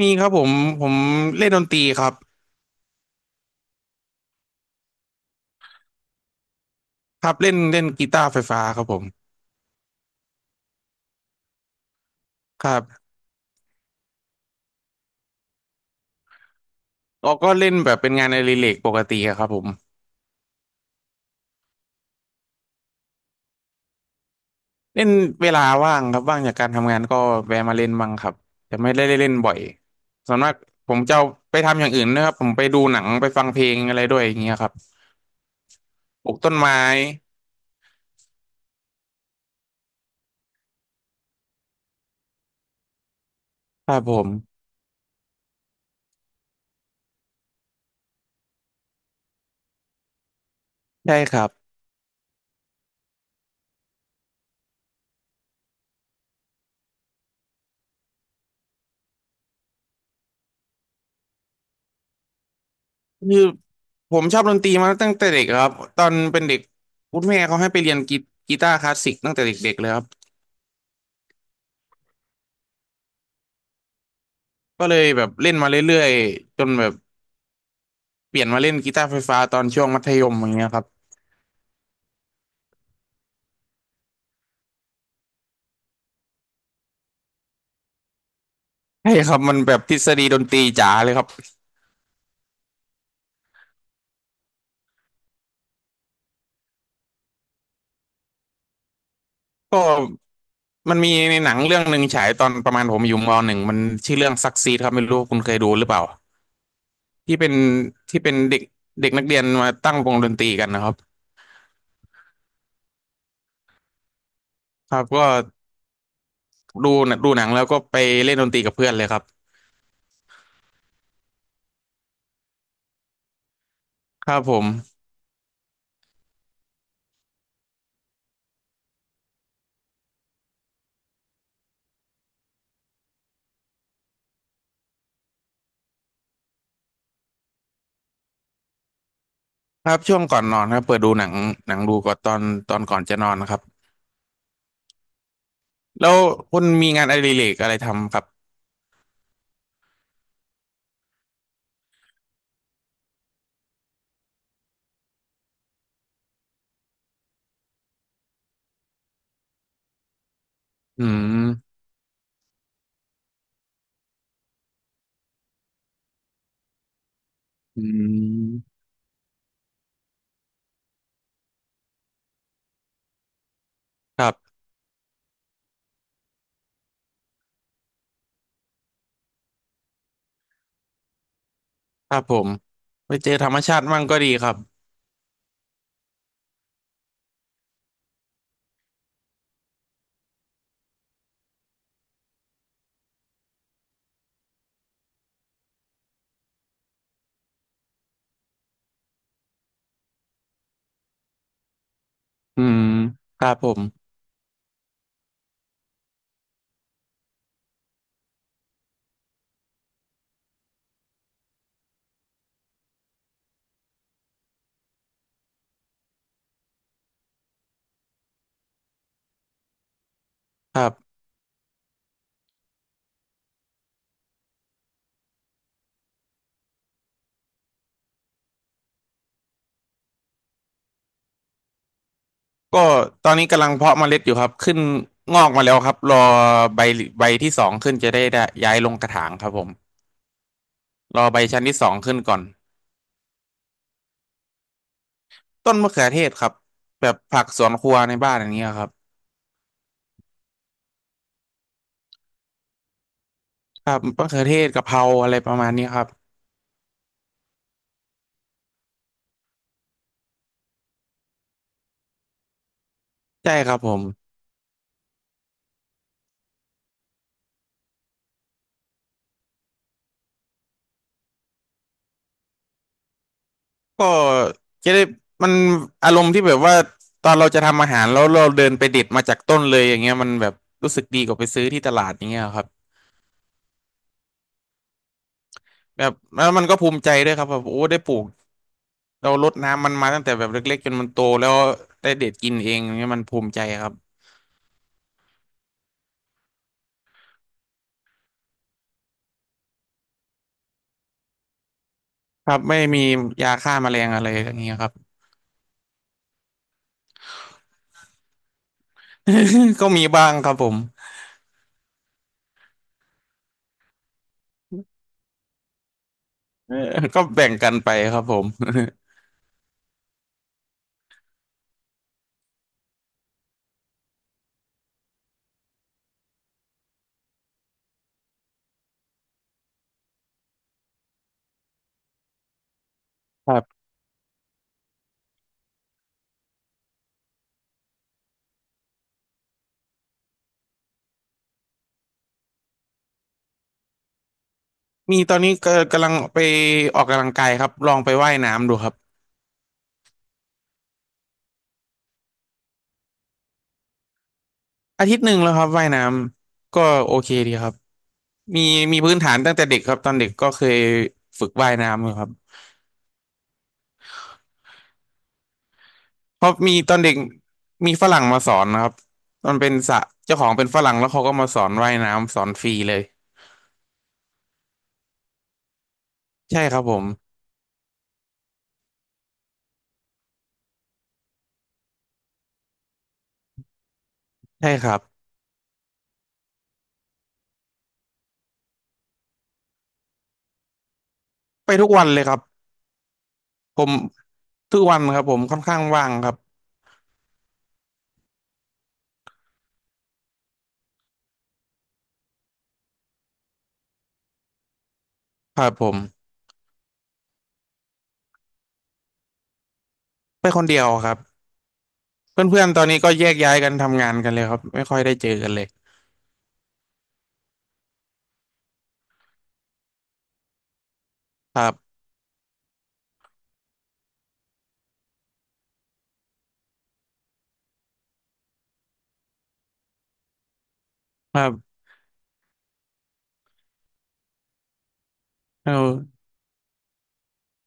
มีครับผมเล่นดนตรีครับครับเล่นเล่นกีตาร์ไฟฟ้าครับผมครับเราก็เล่นแบบเป็นงานอดิเรกปกติอะครับผมเล่นเวลาว่างครับว่างจากการทำงานก็แวะมาเล่นบ้างครับแต่ไม่ได้เล่นบ่อยส่วนมากผมจะเอาไปทำอย่างอื่นนะครับผมไปดูหนังไปฟังเพลงอะไรด้วยอย่างเงี้ยครับปลูกต้นไม้ครับผมใช่ครับคือผมชอบดนตรีมาตั้งแต่เด็กครับตอนเป็นเด็กคุณแม่เขาให้ไปเรียนกีตาร์คลาสสิกตั้งแต่เด็กๆเลยครับ ก็เลยแบบเล่นมาเรื่อยๆจนแบบเปลี่ยนมาเล่นกีตาร์ไฟฟ้าตอนช่วงมัธยมอย่างเงี้ยครับใช่ครับมันแบบทฤษฎีดนตรีจ๋าเลยครับก็มันมีในหนังเรื่องหนึ่งฉายตอนประมาณผมอยู่มหนึ่งมันชื่อเรื่องซักซีดครับไม่รู้ว่าคุณเคยดูหรือเปล่าที่เป็นที่เป็นเด็กเด็กนักเรียนมาตั้งวงดนตรีกันนะครับครับก็ดูดูหนังแล้วก็ไปเล่นดนตรีกับเพื่อนเลยครับครับผมครับช่วงก่อนนอนครับเปิดดูหนังหนังดูก่อนตอนก่อนจะนอนนะครับแล้วคุณมีงานอดิเรกอะไรทำครับ อืมอืมครับครับผมไปเจอธรรมชาติมั่งก็ดีครับอืมครับผมครับก็ตอนนี้กำลังเพาะเมล็ดอยู่ครับขึ้นงอกมาแล้วครับรอใบใบที่สองขึ้นจะได้ได้ย้ายลงกระถางครับผมรอใบชั้นที่สองขึ้นก่อนต้นมะเขือเทศครับแบบผักสวนครัวในบ้านอย่างเงี้ยครับครับมะเขือเทศกะเพราอะไรประมาณนี้ครับใช่ครับผม ก็จะได้มันอารมณ์ที่แบบว่าตอนเราจะทำอาหารแล้วเราเดินไปเด็ดมาจากต้นเลยอย่างเงี้ยมันแบบรู้สึกดีกว่าไปซื้อที่ตลาดอย่างเงี้ยครับแบบแล้วมันก็ภูมิใจด้วยครับแบบโอ้ได้ปลูกเรารดน้ำมันมาตั้งแต่แบบเล็กๆจนมันโตแล้วได้เด็ดกินเองอย่างเงี้ยมันภูมิใจครับครับไม่มียาฆ่าแมลงอะไรอย่างเงี้ยครับ ก็มีบ้างครับผม เออก็แบ่งกันไปครับผม ครับมีตอนนี้ก็กำลังไปออกกำลังกายครับลองไปว่ายน้ำดูครับ อาทิตย์หนึ่งแล้วครับว่ายน้ำก็โอเคดีครับมีมีพื้นฐานตั้งแต่เด็กครับตอนเด็กก็เคยฝึกว่ายน้ำอยู่ครับเพราะมีตอนเด็กมีฝรั่งมาสอนนะครับมันเป็นสระเจ้าของเป็นฝรั่งแล้วเขาก็มาสอนว่ายน้ำสอนฟรีเลยใช่ครับผมใช่ครับไปทุกวันเลยครับผมทุกวันครับผมค่อนข้างว่างครับครับผมไปคนเดียวครับเพื่อนๆตอนนี้ก็แยกย้ายกันทำงานกันเลยครับไม่ค่อยได้เจอกันเลยครับครับเออ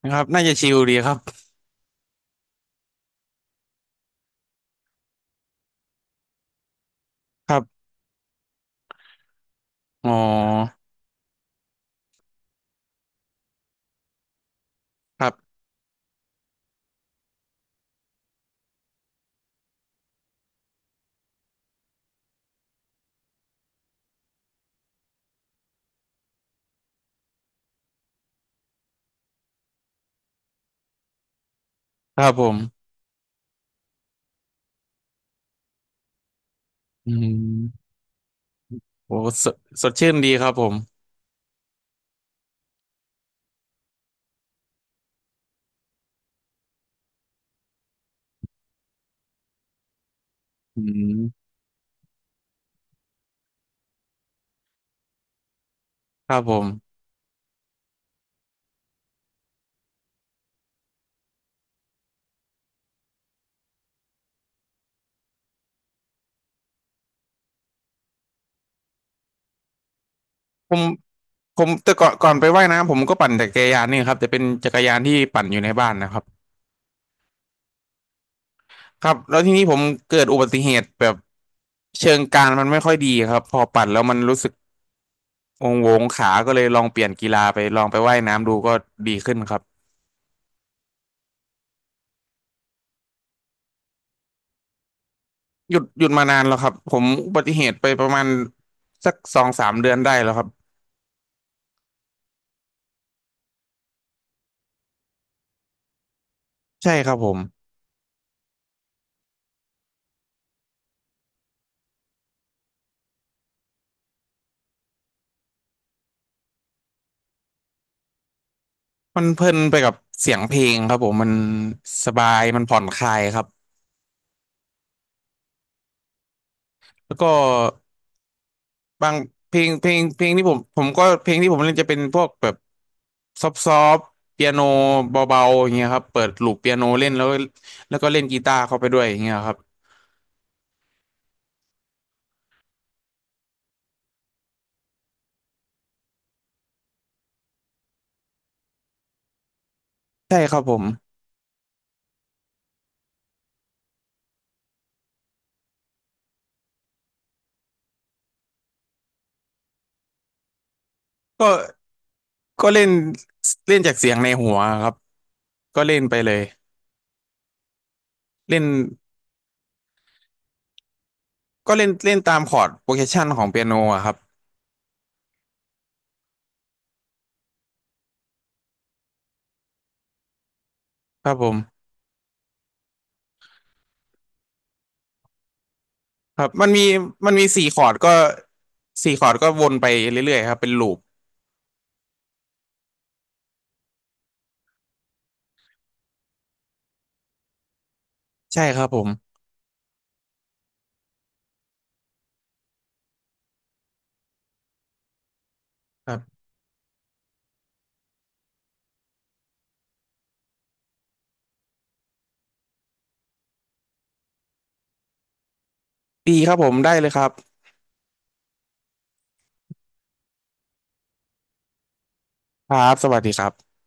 นะครับน่าจะชิลดีครับครับอ๋อ ครับครับผมอืมโหสดสดชื่นดีครับผมอืมครับผมผมแต่ก่อนไปว่ายน้ำผมก็ปั่นจักรยานนี่ครับแต่เป็นจักรยานที่ปั่นอยู่ในบ้านนะครับครับแล้วทีนี้ผมเกิดอุบัติเหตุแบบเชิงกานมันไม่ค่อยดีครับ พอปั่นแล้วมันรู้สึกองโวงขาก็เลยลองเปลี่ยนกีฬาไปลองไปว่ายน้ำดูก็ดีขึ้นครับ หยุดมานานแล้วครับ ผมอุบัติเหตุไปประมาณสักสองสามเดือนได้แล้วครับ ใช่ครับผม มันเพลินไปกับเสียงเพลงครับผมมันสบายมันผ่อนคลายครับแล้วก็บางเพลงเพลงเพลงที่ผมผมก็เพลงที่ผมเล่นจะเป็นพวกแบบซอฟเปียโนเบาๆอย่างเงี้ยครับเปิดลูปเปียโนเล่นแล้วแล้วก็เล่นกีตาร์เข้าไปด้วยอย่างเงี้ยครับใช่ครับผมก็ก็เล่นเล่นจากเสียงในหัวครับก็เล่นไปเลยเล่นก็เล่นเล่นตามคอร์ดโปรเกรสชันของเปียโนอะครับครับผม ครับมันมีสี่คอร์ดก็สี่คอร์ดก็วนไปเรื่อยๆครับเป็นลูปใช่ครับผมครับดีครับผมได้เลยครับครับสวัสดีครับ